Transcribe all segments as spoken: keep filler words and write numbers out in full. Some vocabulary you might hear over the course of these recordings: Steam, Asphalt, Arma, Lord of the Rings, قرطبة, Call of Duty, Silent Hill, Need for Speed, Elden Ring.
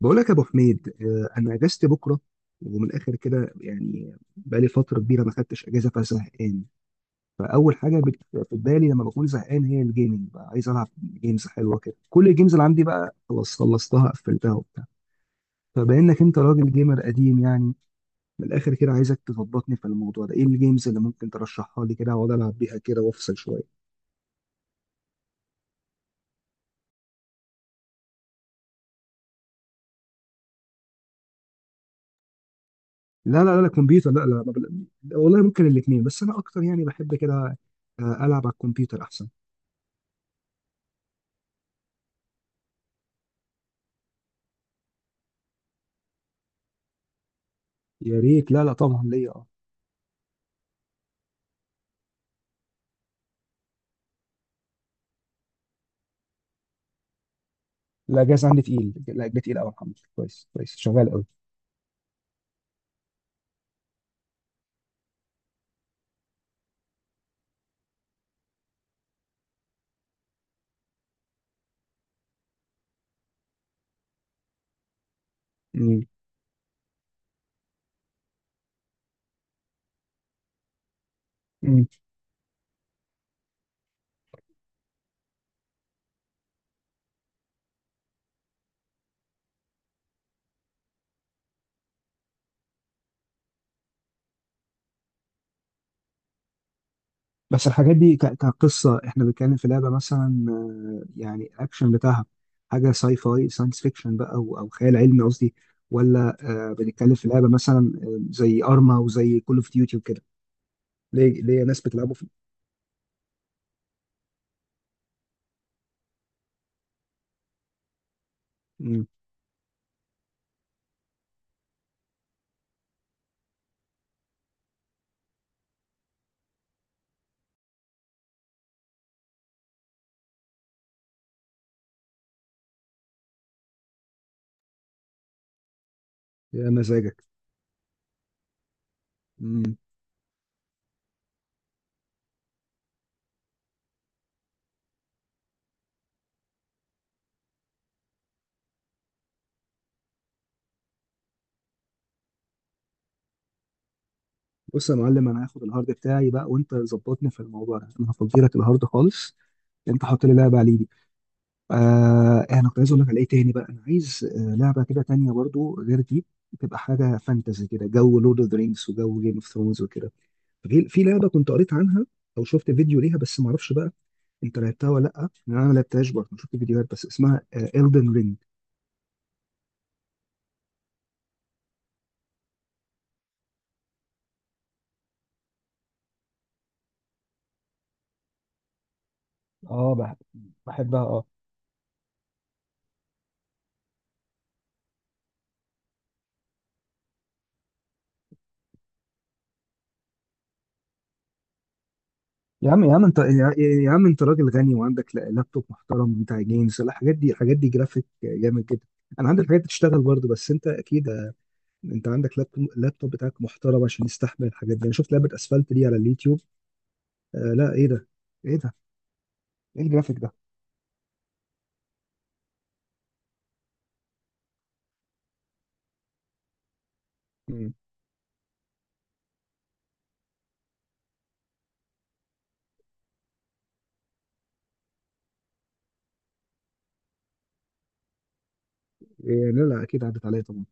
بقول لك يا ابو حميد، آه، انا اجازتي بكره، ومن الاخر كده يعني بقالي فتره كبيره ما خدتش اجازه فزهقان. فاول حاجه بت- في بالي لما بكون زهقان هي الجيمنج، بقى عايز العب جيمز حلوه كده. كل الجيمز اللي عندي بقى خلاص خلصتها قفلتها وبتاع. فبانك انت راجل جيمر قديم يعني. من الاخر كده عايزك تظبطني في الموضوع ده، ايه الجيمز اللي ممكن ترشحها لي كده اقعد العب بيها كده وافصل شويه؟ لا لا لا، كمبيوتر، لا لا، ما بل... والله ممكن الاثنين، بس انا اكتر يعني بحب كده، آه، العب على الكمبيوتر احسن. يا ريت، لا لا طبعا ليا، اه. لا، جاز عندي تقيل، لا ده تقيل قوي الحمد لله، كويس كويس شغال قوي. مم. مم. بس الحاجات دي ك- كقصه، احنا بنتكلم في لعبه مثلا آه، يعني الاكشن بتاعها حاجه ساي فاي، ساينس فيكشن بقى، او أو خيال علمي قصدي، ولا آه، بنتكلم في لعبه مثلا آه، زي ارما وزي كول اوف ديوتي وكده؟ ليه ليه ناس بتلعبوا في. مم. يا مزاجك. مم. بص يا معلم، انا هاخد الهارد بتاعي بقى وانت ظبطني في الموضوع ده، انا هفضي لك الهارد خالص، انت حط لي لعبه عليه. آه، انا كنت عايز اقول لك على ايه تاني بقى، انا عايز آه لعبه كده تانية برضو غير دي، تبقى حاجه فانتزي كده، جو لورد اوف ذا رينجز وجو جيم اوف ثرونز وكده. في في لعبه كنت قريت عنها او شفت فيديو ليها، بس ما اعرفش بقى انت لعبتها ولا لا، لان انا ما لعبتهاش برضه، شفت فيديوهات بس. اسمها الدن رينج. اه بح- بحبها اه. يا عم يا عم انت، يا, يا عم انت راجل غني وعندك لا- لابتوب محترم بتاع جيمز، لا، الحاجات دي الحاجات دي جرافيك جامد جدا. انا عندي الحاجات دي تشتغل برضه، بس انت اكيد انت عندك لابتوب لابتوب بتاعك محترم عشان يستحمل الحاجات دي. انا شفت لعبه اسفلت دي على اليوتيوب، آه لا ايه ده، ايه ده، ايه الجرافيك ده. مم. إيه لا لا اكيد عدت عليا طبعا،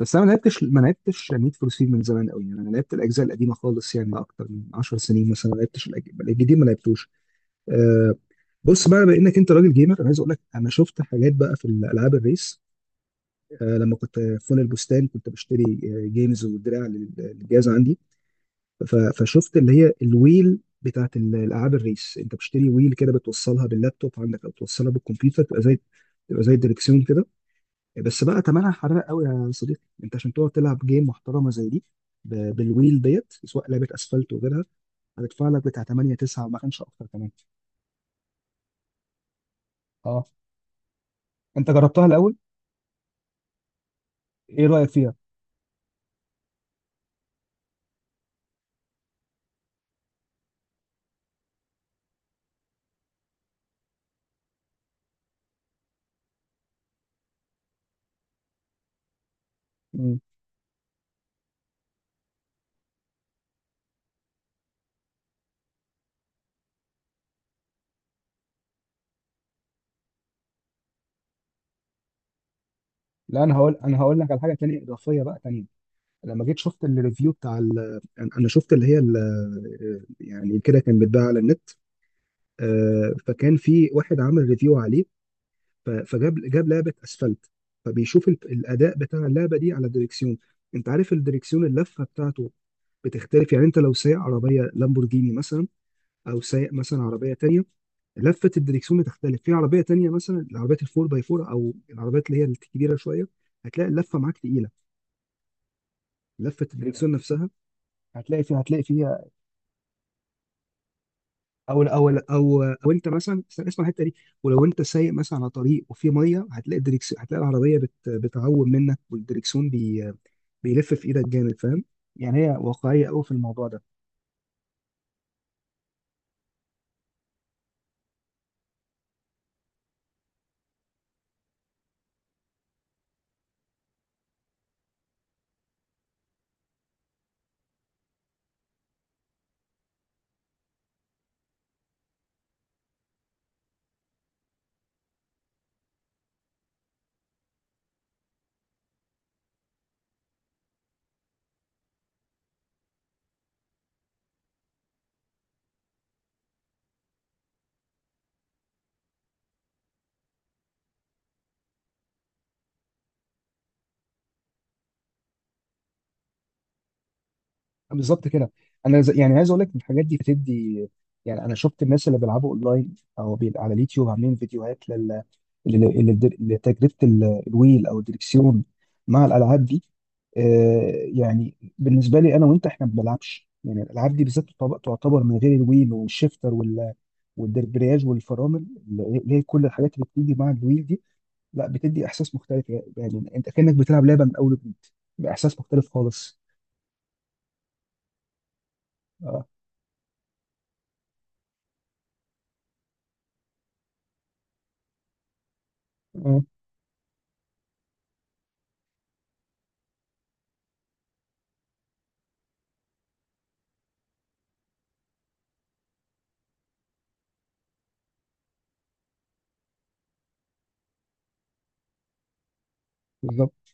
بس انا ما لعبتش ما لعبتش نيد فور سبيد من زمان قوي يعني. انا لعبت الاجزاء القديمه خالص، يعني اكتر من 10 سنين مثلا، ما لعبتش الأج- الجديد ما لعبتوش. آه، بص بقى بانك انت راجل جيمر، انا عايز اقول لك انا شفت حاجات بقى في الالعاب الريس. آه، لما كنت في فن البستان كنت بشتري آه، جيمز ودراع لل- للجهاز عندي. ف- فشفت اللي هي الويل بتاعت ال- الالعاب الريس. انت بتشتري ويل كده بتوصلها باللابتوب عندك او توصلها بالكمبيوتر، تبقى زي، تبقى زي الدركسيون كده. بس بقى تمنها حراق قوي يا صديقي، انت عشان تقعد تلعب جيم محترمه زي دي ب- بالويل ديت، سواء لعبه اسفلت وغيرها، هتدفع لك بتاع ثمانية تسعة، ما كانش اكتر كمان. اه انت جربتها الاول؟ ايه رايك فيها؟ مم. لا انا هقول انا هقول لك على حاجه تانية اضافيه بقى تانية. لما جيت شفت الريفيو بتاع ال... انا أنا شفت اللي هي ال... يعني كده كان بيتباع على النت. آه، فكان في واحد عمل ريفيو عليه، ف- فجاب، جاب لعبه اسفلت، فبيشوف ال- الاداء بتاع اللعبه دي على الدريكسيون. انت عارف الدريكسيون اللفه بتاعته بتختلف يعني، انت لو سايق عربيه لامبورجيني مثلا او سايق مثلا عربيه تانية، لفه الدريكسيون بتختلف. في عربيه تانية مثلا العربيات الفور باي فور او العربيات اللي هي الكبيره شويه، هتلاقي اللفه معاك تقيله، لفه الدريكسيون نفسها هتلاقي فيها هتلاقي فيها. او او او او انت مثلا، استنى اسمع الحته دي، ولو انت سايق مثلا على طريق وفي ميه، هتلاقي الدريكسون، هتلاقي العربيه بت... بتعوم منك، والدريكسون بي... بيلف في ايدك جامد، فاهم؟ يعني هي واقعيه قوي في الموضوع ده. بالظبط كده، انا ز... يعني عايز اقول لك الحاجات دي بتدي. يعني انا شفت الناس اللي بيلعبوا اونلاين او بي... على اليوتيوب عاملين فيديوهات ال- ال- ال- تجربه ال- الويل او الدريكسيون مع الالعاب دي. آه، يعني بالنسبه لي انا وانت، احنا ما بنلعبش يعني الالعاب دي بالذات تعتبر تعتبر من غير الويل والشيفتر وال والدربرياج والفرامل، اللي هي كل الحاجات اللي بتيجي مع الويل دي، لا بتدي احساس مختلف. يعني انت كانك بتلعب لعبه من اول وجديد، باحساس مختلف خالص. اه اه بالظبط.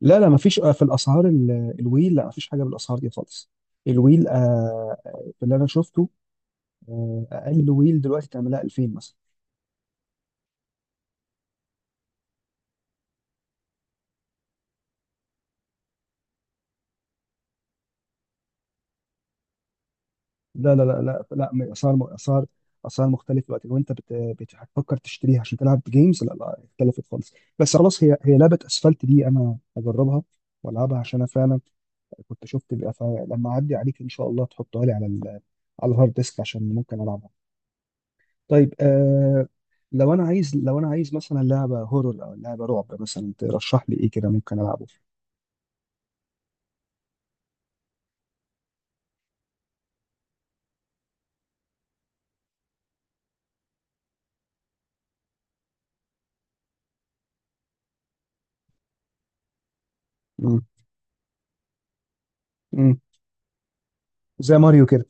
لا لا مفيش، آه، في الاسعار ال- الويل لا مفيش حاجه بالاسعار دي خالص. الويل آه، آه، في اللي انا شفته، آه، اقل ويل دلوقتي تعملها ألفين مثلا. لا لا لا لا لا، م- اسعار م- اسعار اسعار مختلفه دلوقتي، لو انت بت... بت... هتفكر تشتريها عشان تلعب جيمز، لا لا اختلفت خالص. بس خلاص هي هي لعبه اسفلت دي انا هجربها والعبها، عشان انا فعلا كنت شفت بقى، فلما اعدي عليك ان شاء الله تحطها لي على ال... على الهارد ديسك عشان ممكن العبها. طيب آه... لو انا عايز لو انا عايز مثلا لعبه هورور او لعبه رعب مثلا، ترشح لي ايه كده ممكن العبه؟ امم زي ماريو كده.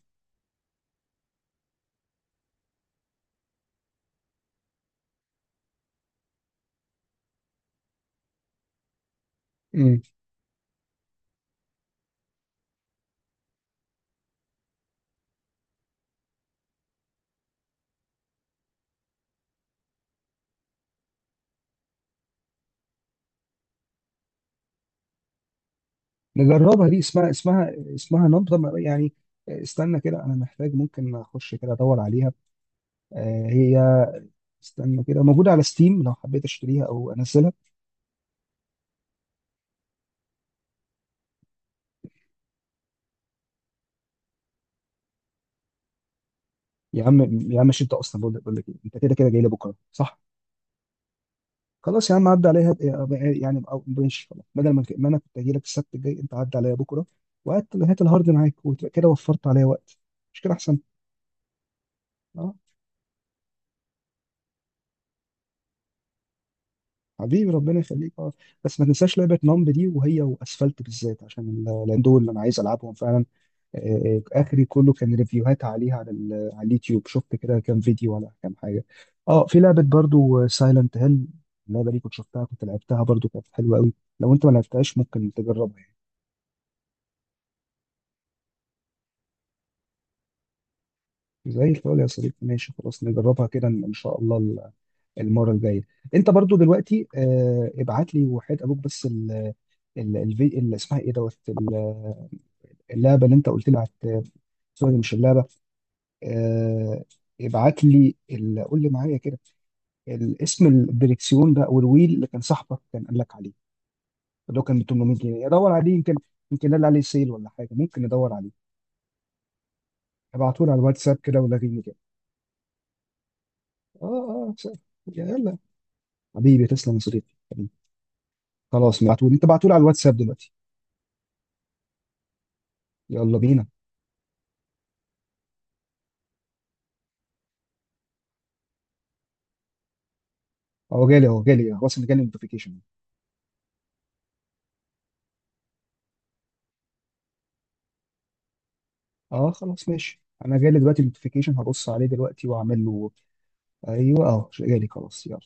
نجربها دي، اسمها اسمها اسمها نبضة م- يعني استنى كده، انا محتاج ممكن اخش كده ادور عليها. آه، هي، استنى كده، موجودة على ستيم لو حبيت اشتريها او انزلها. يا عم يا عم، مش انت اصلا بقول لك بقول لك إيه، انت كده كده جاي لي بكره صح؟ خلاص يا عم عدى عليها، آه، يعني أو ماشي خلاص، بدل ما ما انا كنت اجي لك السبت الجاي، انت عدى عليا بكره، وهات هات الهارد معاك، وتبقى كده وفرت عليا وقت، مش كده احسن؟ اه حبيبي ربنا يخليك اه. بس ما تنساش لعبه نمب دي، وهي واسفلت بالذات، عشان ال- لان دول اللي انا عايز العبهم فعلا. آه، اخري كله كان ريفيوهات عليها على ال- على اليوتيوب، شفت كده كام فيديو ولا كام حاجه. اه في لعبه برضو سايلنت هيل، اللعبه دي كنت شفتها، كنت لعبتها برضو كانت حلوه قوي، لو انت ما لعبتهاش ممكن تجربها يعني. زي الفل يا صديقي، ماشي خلاص نجربها كده ان إن شاء الله ال- المره الجايه. انت برضو دلوقتي آه ابعت لي وحيد ابوك بس ال ال- الفي- اللي اسمها ايه، دوت ال- اللعبه اللي انت قلت لي على، سوري مش اللعبه، آه، ابعت لي ال- قول لي معايا كده الاسم، الدريكسيون ده او الويل اللي كان صاحبك كان قال لك عليه، اللي هو كان ب ثمانمائة جنيه، ادور عليه يمكن، يمكن قال عليه سيل ولا حاجه، ممكن ندور عليه. ابعته لي على الواتساب كده ولغيني كده. اه اه س- يلا حبيبي تسلم يا صديقي. خلاص بعتوا لي، انت بعتوا لي على الواتساب دلوقتي. يلا بينا. اهو جالي اهو جالي، خلاص انا جالي نوتيفيكيشن. اه خلاص ماشي، انا جالي دلوقتي نوتيفيكيشن، هبص عليه دلوقتي واعمل له. ايوه اهو جالي، خلاص يلا.